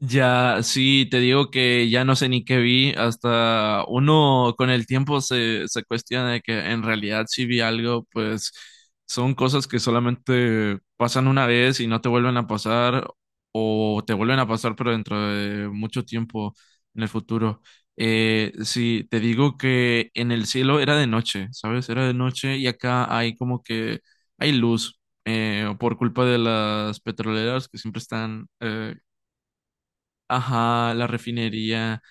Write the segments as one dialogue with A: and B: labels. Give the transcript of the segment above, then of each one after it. A: Ya, sí, te digo que ya no sé ni qué vi, hasta uno con el tiempo se cuestiona de que en realidad si vi algo, pues son cosas que solamente pasan una vez y no te vuelven a pasar o te vuelven a pasar pero dentro de mucho tiempo en el futuro. Sí, te digo que en el cielo era de noche, ¿sabes? Era de noche y acá hay como que hay luz por culpa de las petroleras que siempre están ajá, la refinería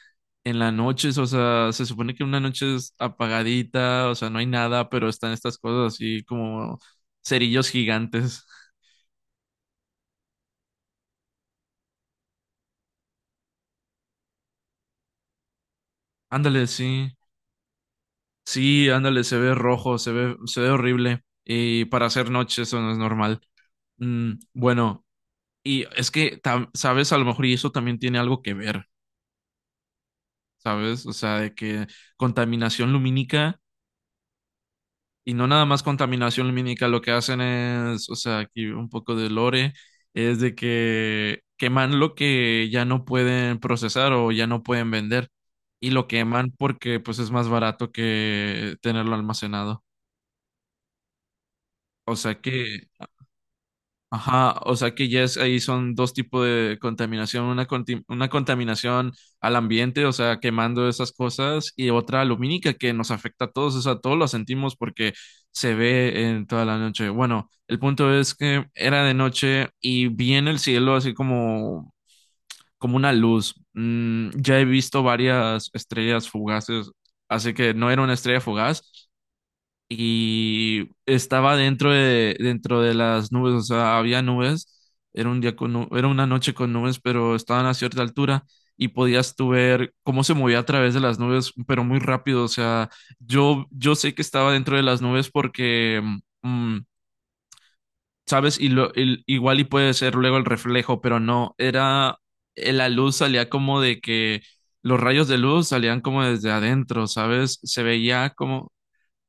A: en las noches. O sea, se supone que una noche es apagadita, o sea, no hay nada, pero están estas cosas así como cerillos gigantes. Ándale, sí, sí, ándale, se ve rojo, se ve horrible. Y para hacer noche eso no es normal. Mm, bueno, y es que, sabes, a lo mejor y eso también tiene algo que ver, ¿sabes? O sea, de que contaminación lumínica. Y no nada más contaminación lumínica, lo que hacen es, o sea, aquí un poco de lore, es de que queman lo que ya no pueden procesar o ya no pueden vender. Y lo queman porque pues es más barato que tenerlo almacenado. O sea que ajá, o sea que ya es, ahí son dos tipos de contaminación, una, una contaminación al ambiente, o sea, quemando esas cosas, y otra lumínica que nos afecta a todos, o sea, todos la sentimos porque se ve en toda la noche. Bueno, el punto es que era de noche y vi en el cielo así como, como una luz. Mm, ya he visto varias estrellas fugaces, así que no era una estrella fugaz, y estaba dentro de las nubes, o sea, había nubes, era un día con, era una noche con nubes, pero estaban a cierta altura y podías tú ver cómo se movía a través de las nubes, pero muy rápido. O sea, yo sé que estaba dentro de las nubes porque, mm, ¿sabes? Y lo, igual y puede ser luego el reflejo, pero no, era, la luz salía como de que... Los rayos de luz salían como desde adentro, ¿sabes? Se veía como,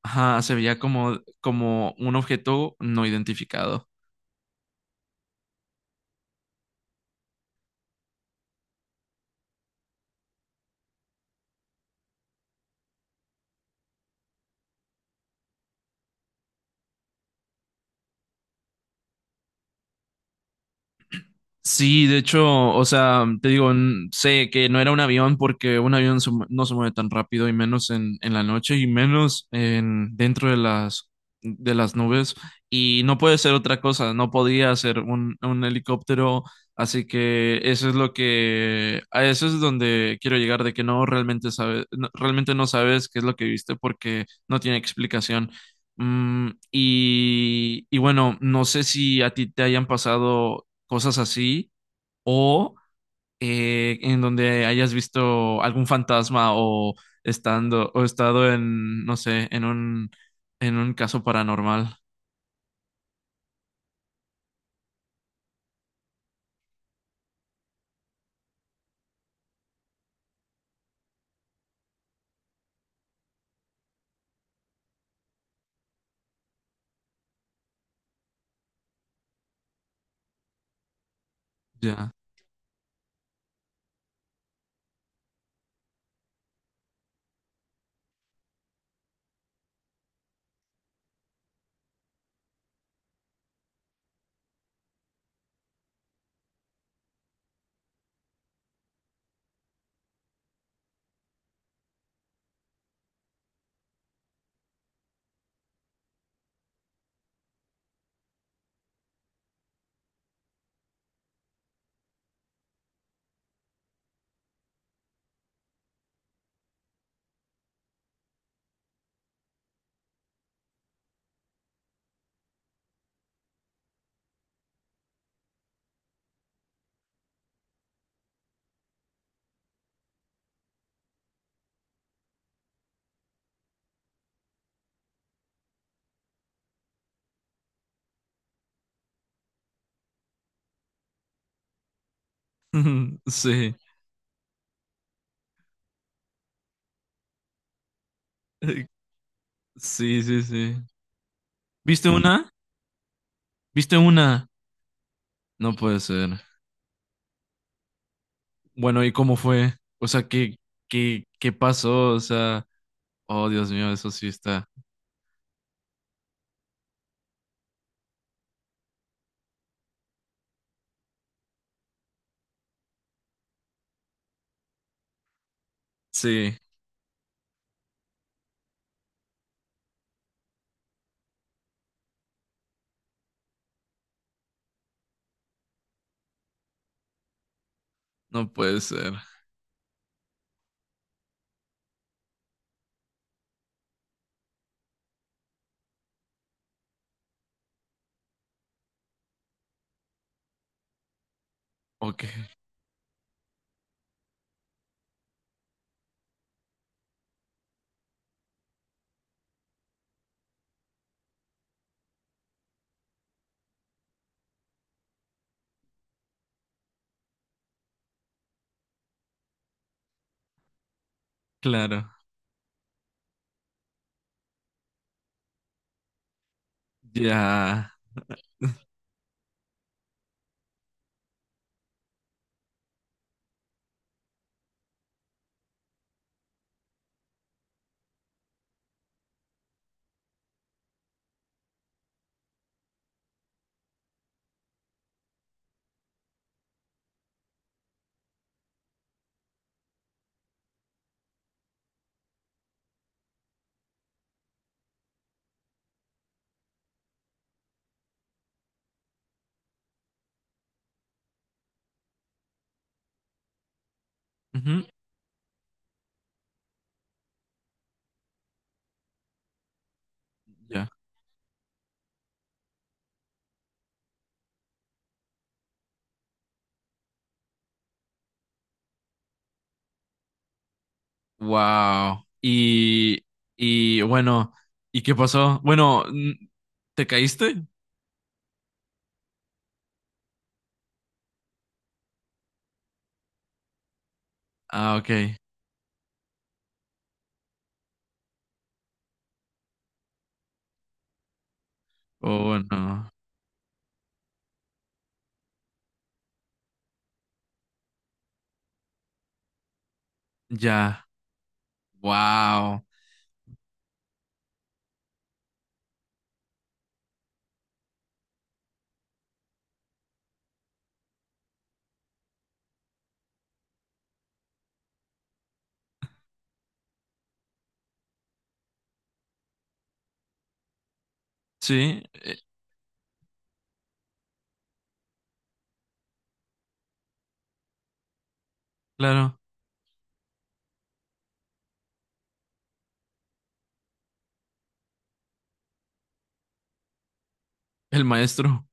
A: ajá, se veía como, como un objeto no identificado. Sí, de hecho, o sea, te digo, sé que no era un avión porque un avión no se mueve tan rápido y menos en la noche y menos en dentro de las nubes y no puede ser otra cosa, no podía ser un helicóptero, así que eso es lo que a eso es donde quiero llegar de que no realmente sabes realmente no sabes qué es lo que viste porque no tiene explicación. Mm, y bueno, no sé si a ti te hayan pasado cosas así, o en donde hayas visto algún fantasma o estando o estado en, no sé, en un caso paranormal. Ya. Sí. Eh, sí, sí, sí. ¿Viste una? ¿Viste una? No puede ser. Bueno, ¿y cómo fue? O sea, ¿qué, qué, qué pasó? O sea, oh, Dios mío, eso sí está. Sí, no puede ser. Ok, claro. Ya. Ujú, ya. Wow. Y bueno, ¿y qué pasó? Bueno, ¿te caíste? Ah, ok. Oh, no. Ya. Wow. Sí, claro. El maestro.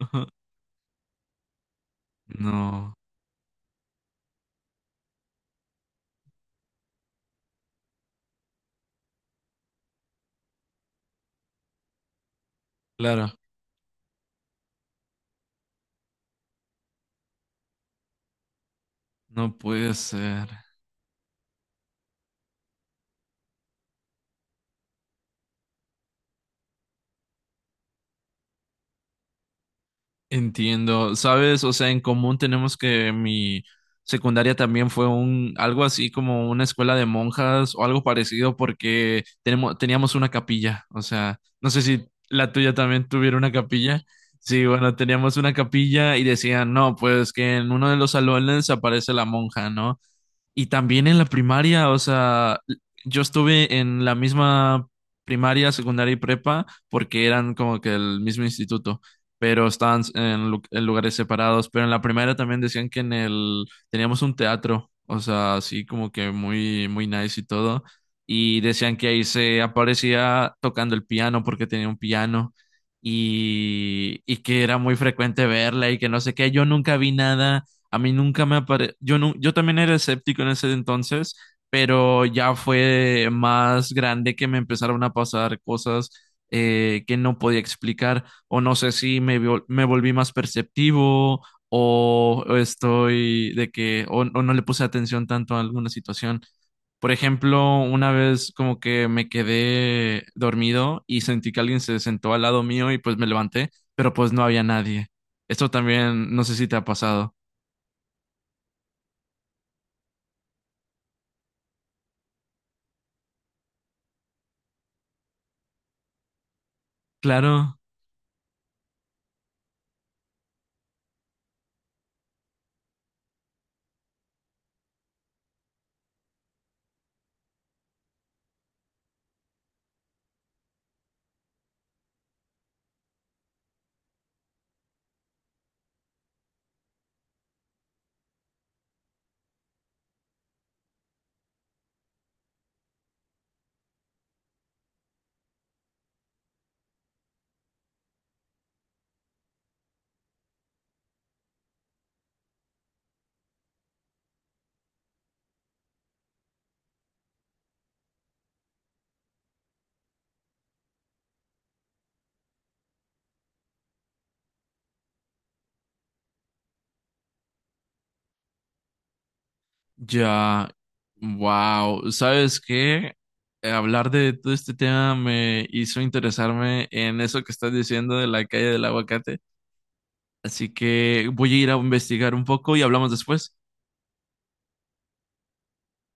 A: No, claro. No puede ser. Entiendo, ¿sabes? O sea, en común tenemos que mi secundaria también fue un algo así como una escuela de monjas o algo parecido porque tenemos teníamos una capilla, o sea, no sé si la tuya también tuviera una capilla. Sí, bueno, teníamos una capilla y decían, "No, pues que en uno de los salones aparece la monja, ¿no?" Y también en la primaria, o sea, yo estuve en la misma primaria, secundaria y prepa porque eran como que el mismo instituto, pero estaban en, en lugares separados. Pero en la primaria también decían que en el teníamos un teatro, o sea, así como que muy, muy nice y todo. Y decían que ahí se aparecía tocando el piano porque tenía un piano y que era muy frecuente verla y que no sé qué. Yo nunca vi nada, a mí nunca me apareció, yo, yo también era escéptico en ese entonces, pero ya fue más grande que me empezaron a pasar cosas que no podía explicar, o no sé si me, me volví más perceptivo, o estoy de que, o no le puse atención tanto a alguna situación. Por ejemplo, una vez como que me quedé dormido y sentí que alguien se sentó al lado mío y pues me levanté, pero pues no había nadie. Esto también, no sé si te ha pasado. Claro, ya, wow, ¿sabes qué? Hablar de todo este tema me hizo interesarme en eso que estás diciendo de la calle del aguacate, así que voy a ir a investigar un poco y hablamos después.